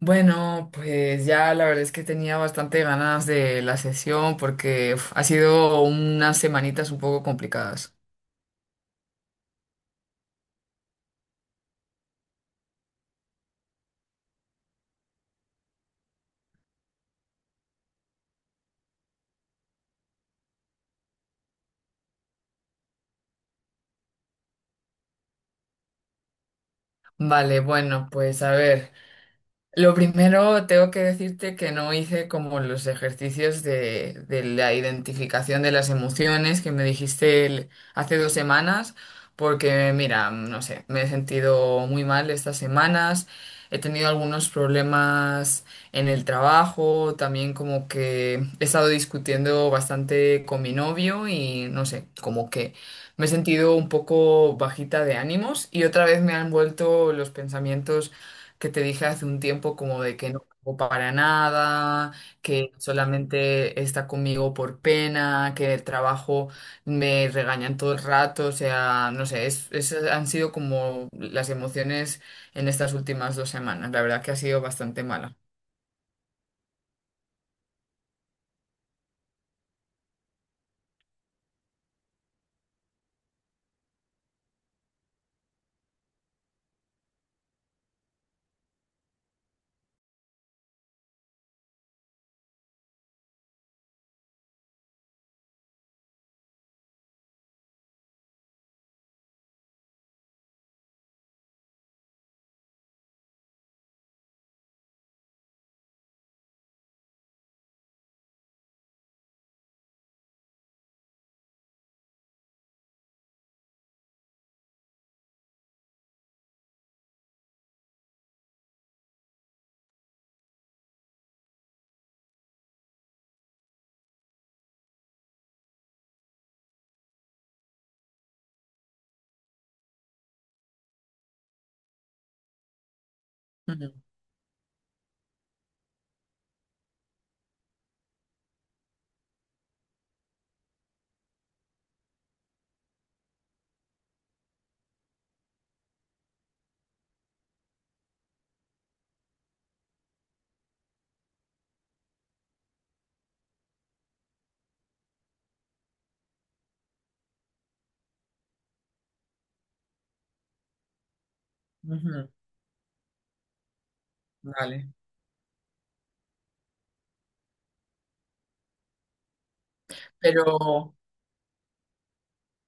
Bueno, pues ya la verdad es que tenía bastante ganas de la sesión porque uf, ha sido unas semanitas un poco complicadas. Vale, bueno, pues a ver. Lo primero, tengo que decirte que no hice como los ejercicios de la identificación de las emociones que me dijiste hace 2 semanas, porque mira, no sé, me he sentido muy mal estas semanas, he tenido algunos problemas en el trabajo, también como que he estado discutiendo bastante con mi novio y no sé, como que me he sentido un poco bajita de ánimos y otra vez me han vuelto los pensamientos que te dije hace un tiempo como de que no hago para nada, que solamente está conmigo por pena, que el trabajo me regañan todo el rato, o sea, no sé, esas han sido como las emociones en estas últimas 2 semanas. La verdad que ha sido bastante mala. Ujú, ujú, vale. Pero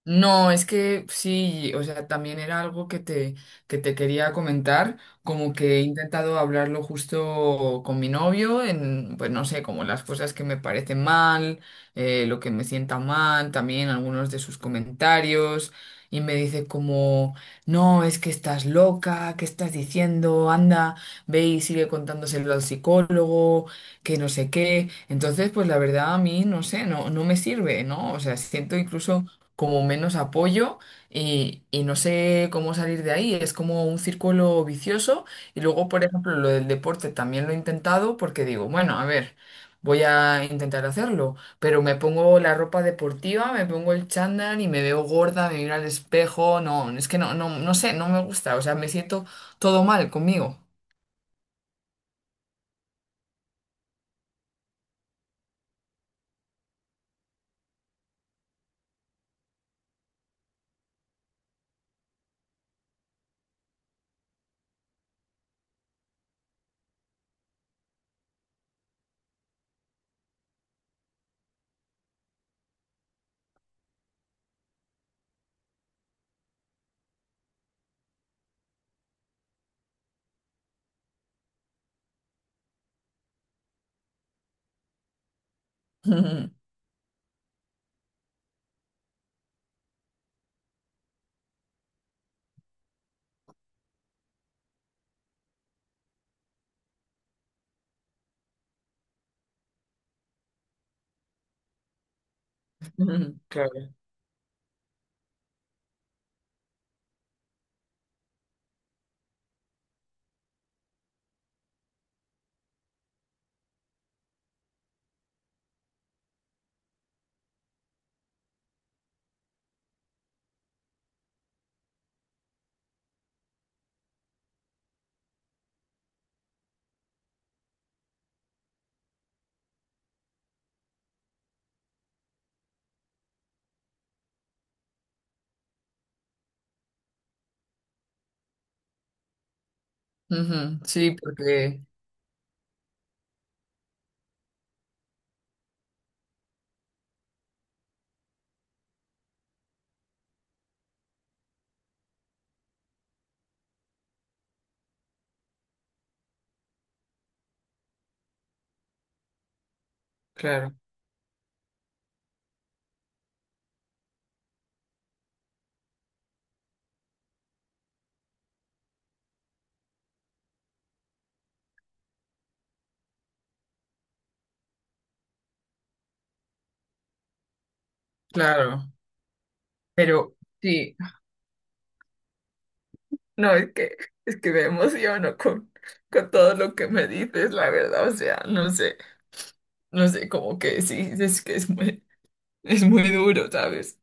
no, es que sí, o sea, también era algo que que te quería comentar, como que he intentado hablarlo justo con mi novio, en, pues no sé, como las cosas que me parecen mal, lo que me sienta mal, también algunos de sus comentarios, y me dice como, no, es que estás loca, ¿qué estás diciendo? Anda, ve y sigue contándoselo al psicólogo, que no sé qué. Entonces, pues la verdad a mí, no sé, no me sirve, ¿no? O sea, siento incluso como menos apoyo y no sé cómo salir de ahí. Es como un círculo vicioso. Y luego, por ejemplo, lo del deporte también lo he intentado porque digo, bueno, a ver, voy a intentar hacerlo, pero me pongo la ropa deportiva, me pongo el chándal y me veo gorda, me miro al espejo. No, es que no, no sé, no me gusta. O sea, me siento todo mal conmigo. Claro, ujú, sí, porque, claro. Claro, pero sí. No, es que me emociono con todo lo que me dices, la verdad. O sea, no sé, no sé, como que sí, es que es muy, es muy duro, ¿sabes?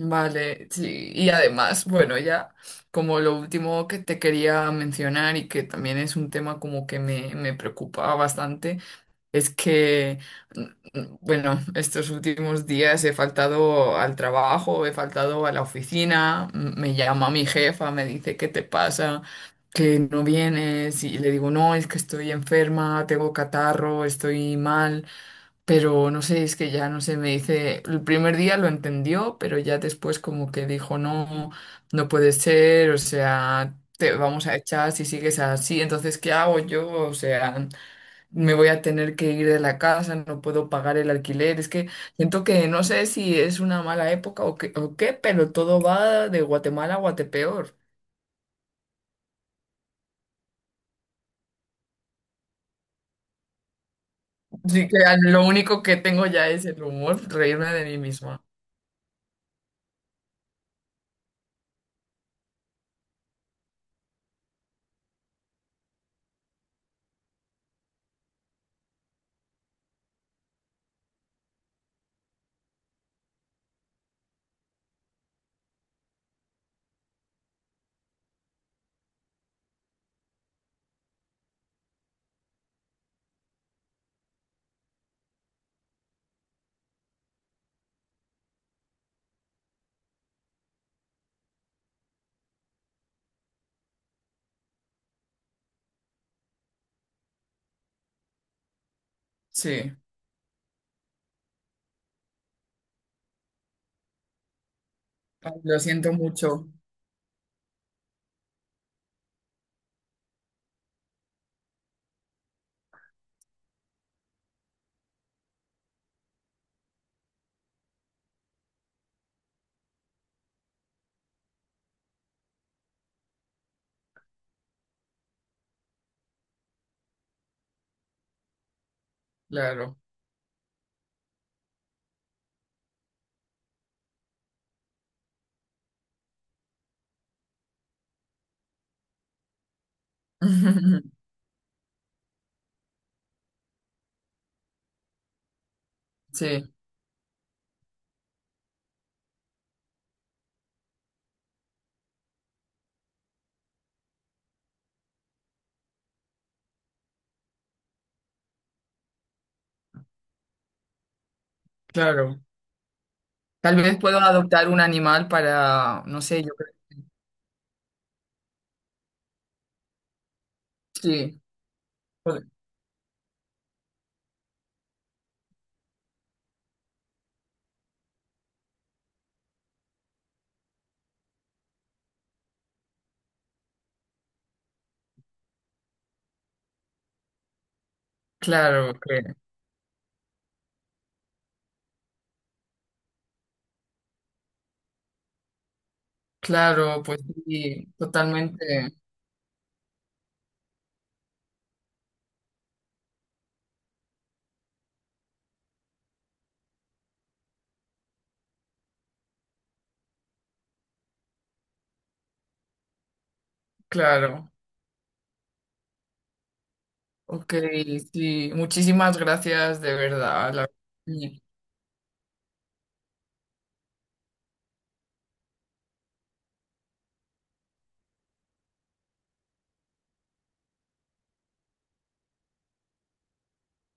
Vale, sí. Y además, bueno, ya como lo último que te quería mencionar y que también es un tema como que me preocupa bastante. Es que, mm, bueno, estos últimos días he faltado al trabajo, he faltado a la oficina, me llama mi jefa, me dice, ¿qué te pasa? Que no vienes y le digo, no, es que estoy enferma, tengo catarro, estoy mal, pero no sé, es que ya no sé, me dice, el primer día lo entendió, pero ya después como que dijo, no, no puede ser, o sea, te vamos a echar si sigues así, entonces, ¿qué hago yo? O sea me voy a tener que ir de la casa, no puedo pagar el alquiler. Es que siento que no sé si es una mala época o qué, pero todo va de Guatemala a Guatepeor. Así que lo único que tengo ya es el humor, reírme de mí misma. Sí, ay, lo siento mucho, claro. Sí, claro. Tal vez puedo adoptar un animal para, no sé, yo creo. Sí, pod- claro, claro, pues sí, totalmente, claro. Ok, sí, muchísimas gracias de verdad.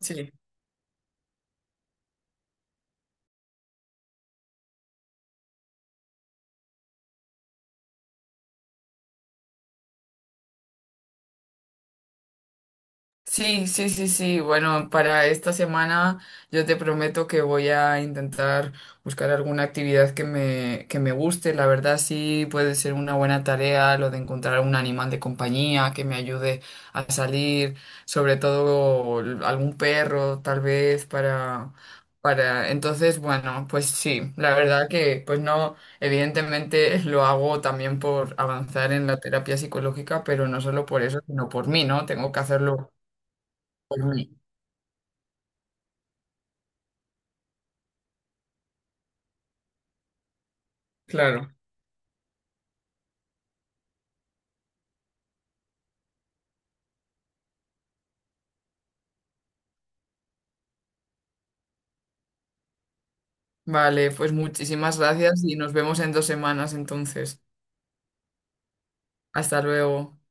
Sí. Sí, sí, sí, sí. Bueno, para esta semana yo te prometo que voy a intentar buscar alguna actividad que que me guste. La verdad sí puede ser una buena tarea lo de encontrar un animal de compañía que me ayude a salir, sobre todo algún perro, tal vez para... Entonces, bueno, pues sí, la verdad que pues no, evidentemente lo hago también por avanzar en la terapia psicológica, pero no solo por eso, sino por mí, ¿no? Tengo que hacerlo. Vale. Claro. Vale, pues muchísimas gracias y nos vemos en 2 semanas entonces. Hasta luego.